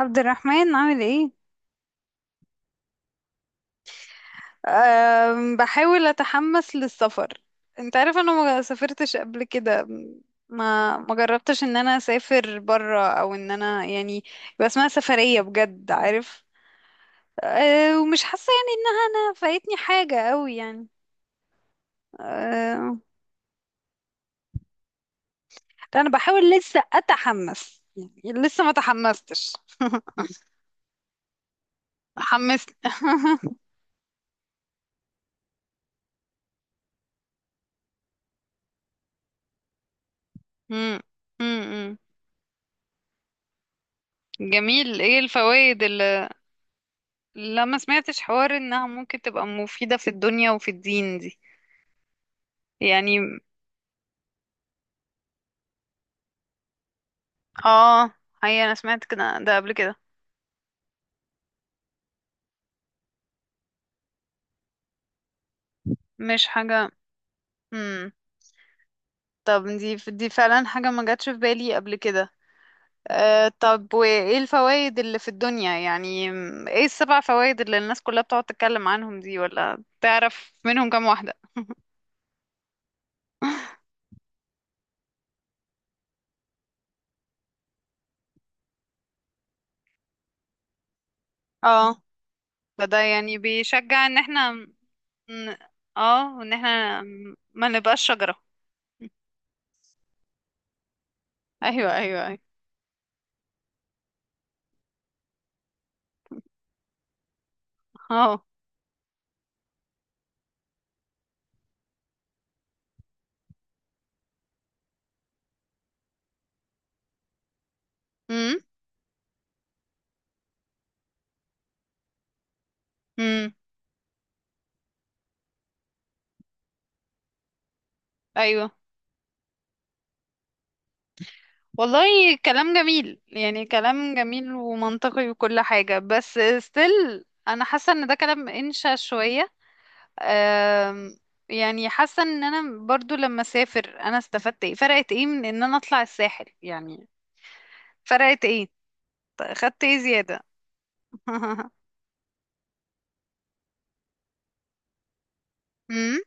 عبد الرحمن، عامل ايه؟ بحاول اتحمس للسفر. انت عارف انا ما سافرتش قبل كده. ما جربتش ان انا اسافر برا او ان انا يعني يبقى اسمها سفرية بجد، عارف؟ أه، ومش حاسة ان انا فايتني حاجة قوي يعني. أه. لا، انا بحاول لسه اتحمس يعني لسه ما تحمستش حمسني مم، مم، مم. جميل، ايه الفوائد؟ لا، ما سمعتش حوار انها ممكن تبقى مفيدة في الدنيا وفي الدين دي يعني. اه، هي انا سمعت كده ده قبل كده. مش حاجة. امم. طب، دي فعلا حاجة ما جاتش في بالي قبل كده. آه، طب وايه الفوائد اللي في الدنيا يعني ايه السبع فوائد اللي الناس كلها بتقعد تتكلم عنهم دي، ولا تعرف منهم كام واحدة؟ اه، فده يعني بيشجع ان احنا ن- اه وان احنا ما نبقاش شجرة. ايوه، ايوه، ايوه. اه. امم. ايوه، والله كلام جميل يعني كلام جميل ومنطقي وكل حاجة، بس still انا حاسة ان ده كلام انشا شوية. أم يعني حاسة ان انا برضو لما اسافر انا استفدت ايه، فرقت ايه من ان انا اطلع الساحل يعني؟ فرقت ايه؟ خدت ايه زيادة؟ امم.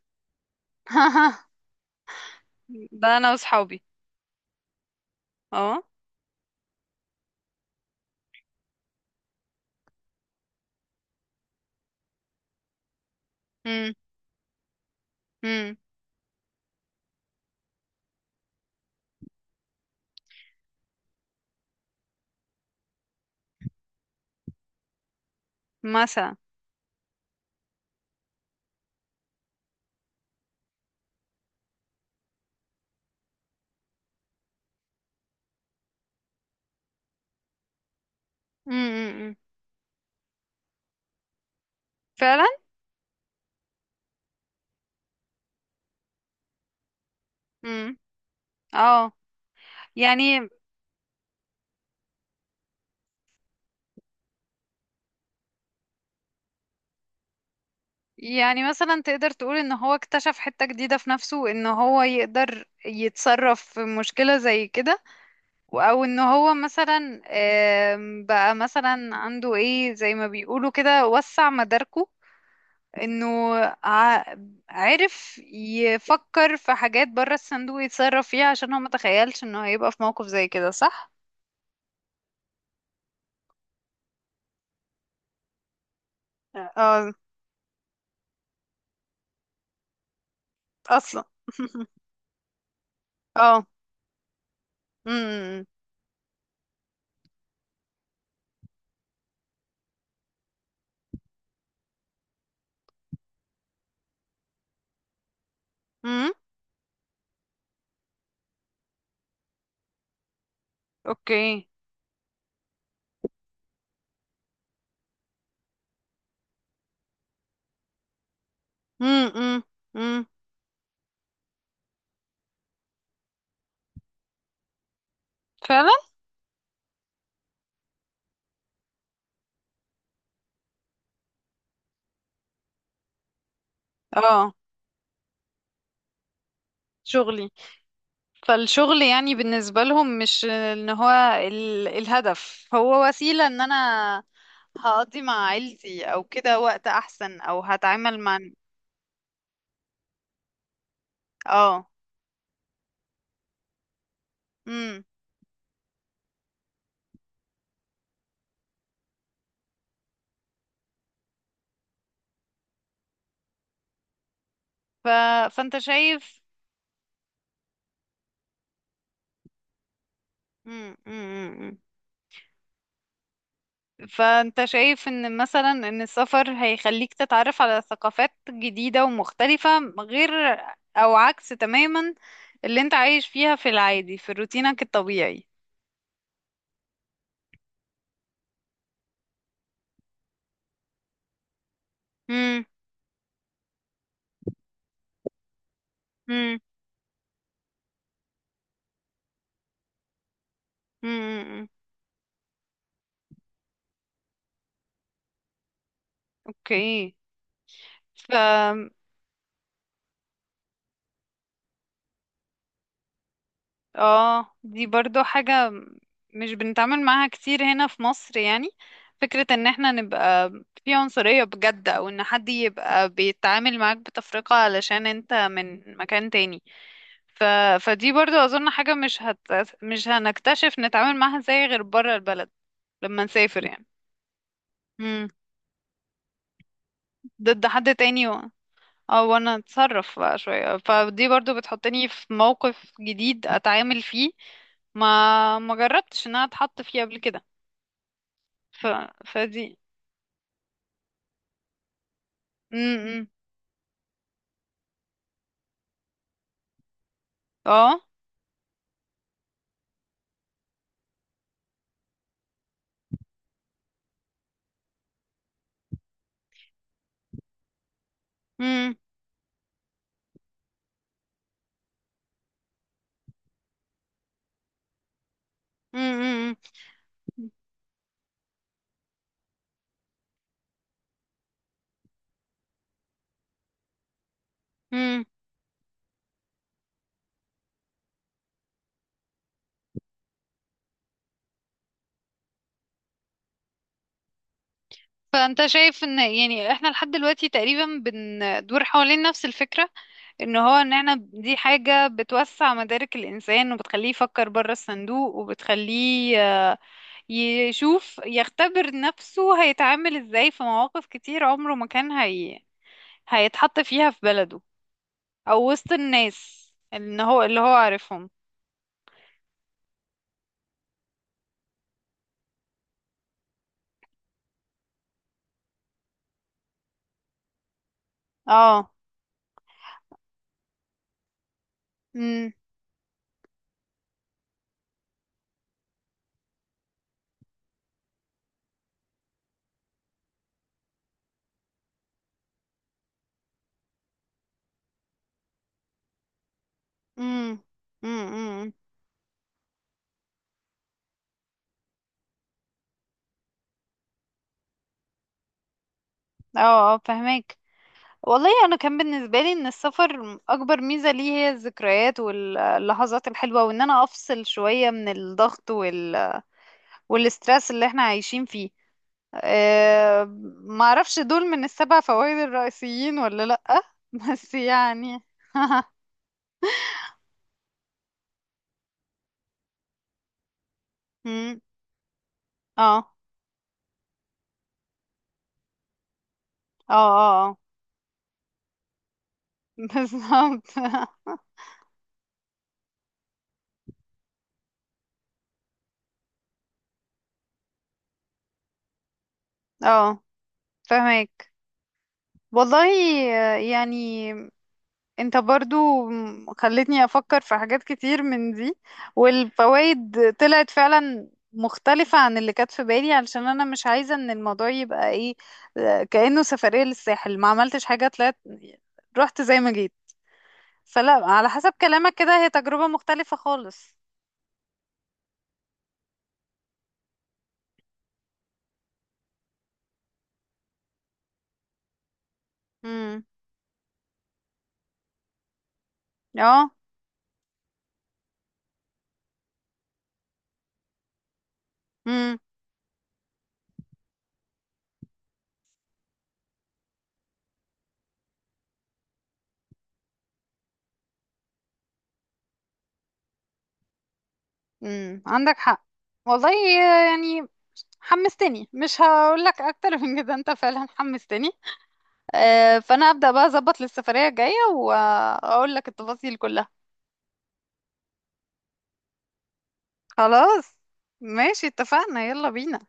ده انا وصحابي. اه. امم. امم. مثلا. امم. أمم. فعلا. امم. اه. يعني يعني مثلا تقدر تقول ان هو اكتشف حتة جديدة في نفسه، ان هو يقدر يتصرف في مشكلة زي كده او ان هو مثلا بقى مثلا عنده ايه زي ما بيقولوا كده، وسع مداركه، انه ع- عرف يفكر في حاجات بره الصندوق يتصرف فيها عشان هو متخيلش انه هيبقى في موقف زي كده، صح؟ اه، اصلا اه. امم. امم. اوكي. امم. امم. فعلا. اه. شغلي. فالشغل يعني بالنسبة لهم مش ان هو الهدف هو وسيلة ان انا هقضي مع عيلتي او كده وقت احسن، او هتعامل مع... اه. امم. ف... فانت شايف. امم. امم. فانت شايف ان مثلا ان السفر هيخليك تتعرف على ثقافات جديدة ومختلفة، غير او عكس تماما اللي انت عايش فيها في العادي في روتينك الطبيعي. امم. امم. امم. اوكي. ف اه دي برضو حاجة مش بنتعامل معاها كتير هنا في مصر يعني، فكرة ان احنا نبقى في عنصرية بجد، او ان حد يبقى بيتعامل معاك بتفرقة علشان انت من مكان تاني. ف... فدي برضو اظن حاجة مش هنكتشف نتعامل معاها ازاي غير برا البلد، لما نسافر يعني. مم. ضد حد تاني. اه، وانا اتصرف بقى شوية، فدي برضو بتحطني في موقف جديد اتعامل فيه ما جربتش ان انا اتحط فيه قبل كده. ف... فدي. امم. اه. امم. امم. امم. فانت شايف ان يعني احنا لحد دلوقتي تقريبا بندور حوالين نفس الفكرة، ان هو ان احنا دي حاجة بتوسع مدارك الانسان وبتخليه يفكر بره الصندوق، وبتخليه يشوف يختبر نفسه هيتعامل ازاي في مواقف كتير عمره ما كان هيتحط فيها في بلده، او وسط الناس ان هو اللي هو عارفهم. اه. امم. امم. امم. اه. اه، فهمك. والله انا كان بالنسبه لي ان السفر اكبر ميزه ليه هي الذكريات واللحظات الحلوه، وان انا افصل شويه من الضغط والاسترس اللي احنا عايشين فيه. أه، ما اعرفش دول من السبع فوائد الرئيسيين ولا لأ بس يعني. مم. اه، اه، اه، اه بالظبط. اه، فهمك والله. يعني انت برضو خلتني افكر في حاجات كتير من دي، والفوائد طلعت فعلا مختلفة عن اللي كانت في بالي، علشان انا مش عايزة ان الموضوع يبقى ايه، كأنه سفرية للساحل ما عملتش حاجة، طلعت رحت زي ما جيت. فلا، على حسب كلامك كده هي تجربة مختلفة خالص. امم. اه. امم. امم، عندك حق والله. يعني حمستني، مش هقول لك اكتر من كده، انت فعلا حمستني. فانا ابدا بقى اظبط للسفرية الجاية واقول لك التفاصيل كلها. خلاص، ماشي، اتفقنا، يلا بينا.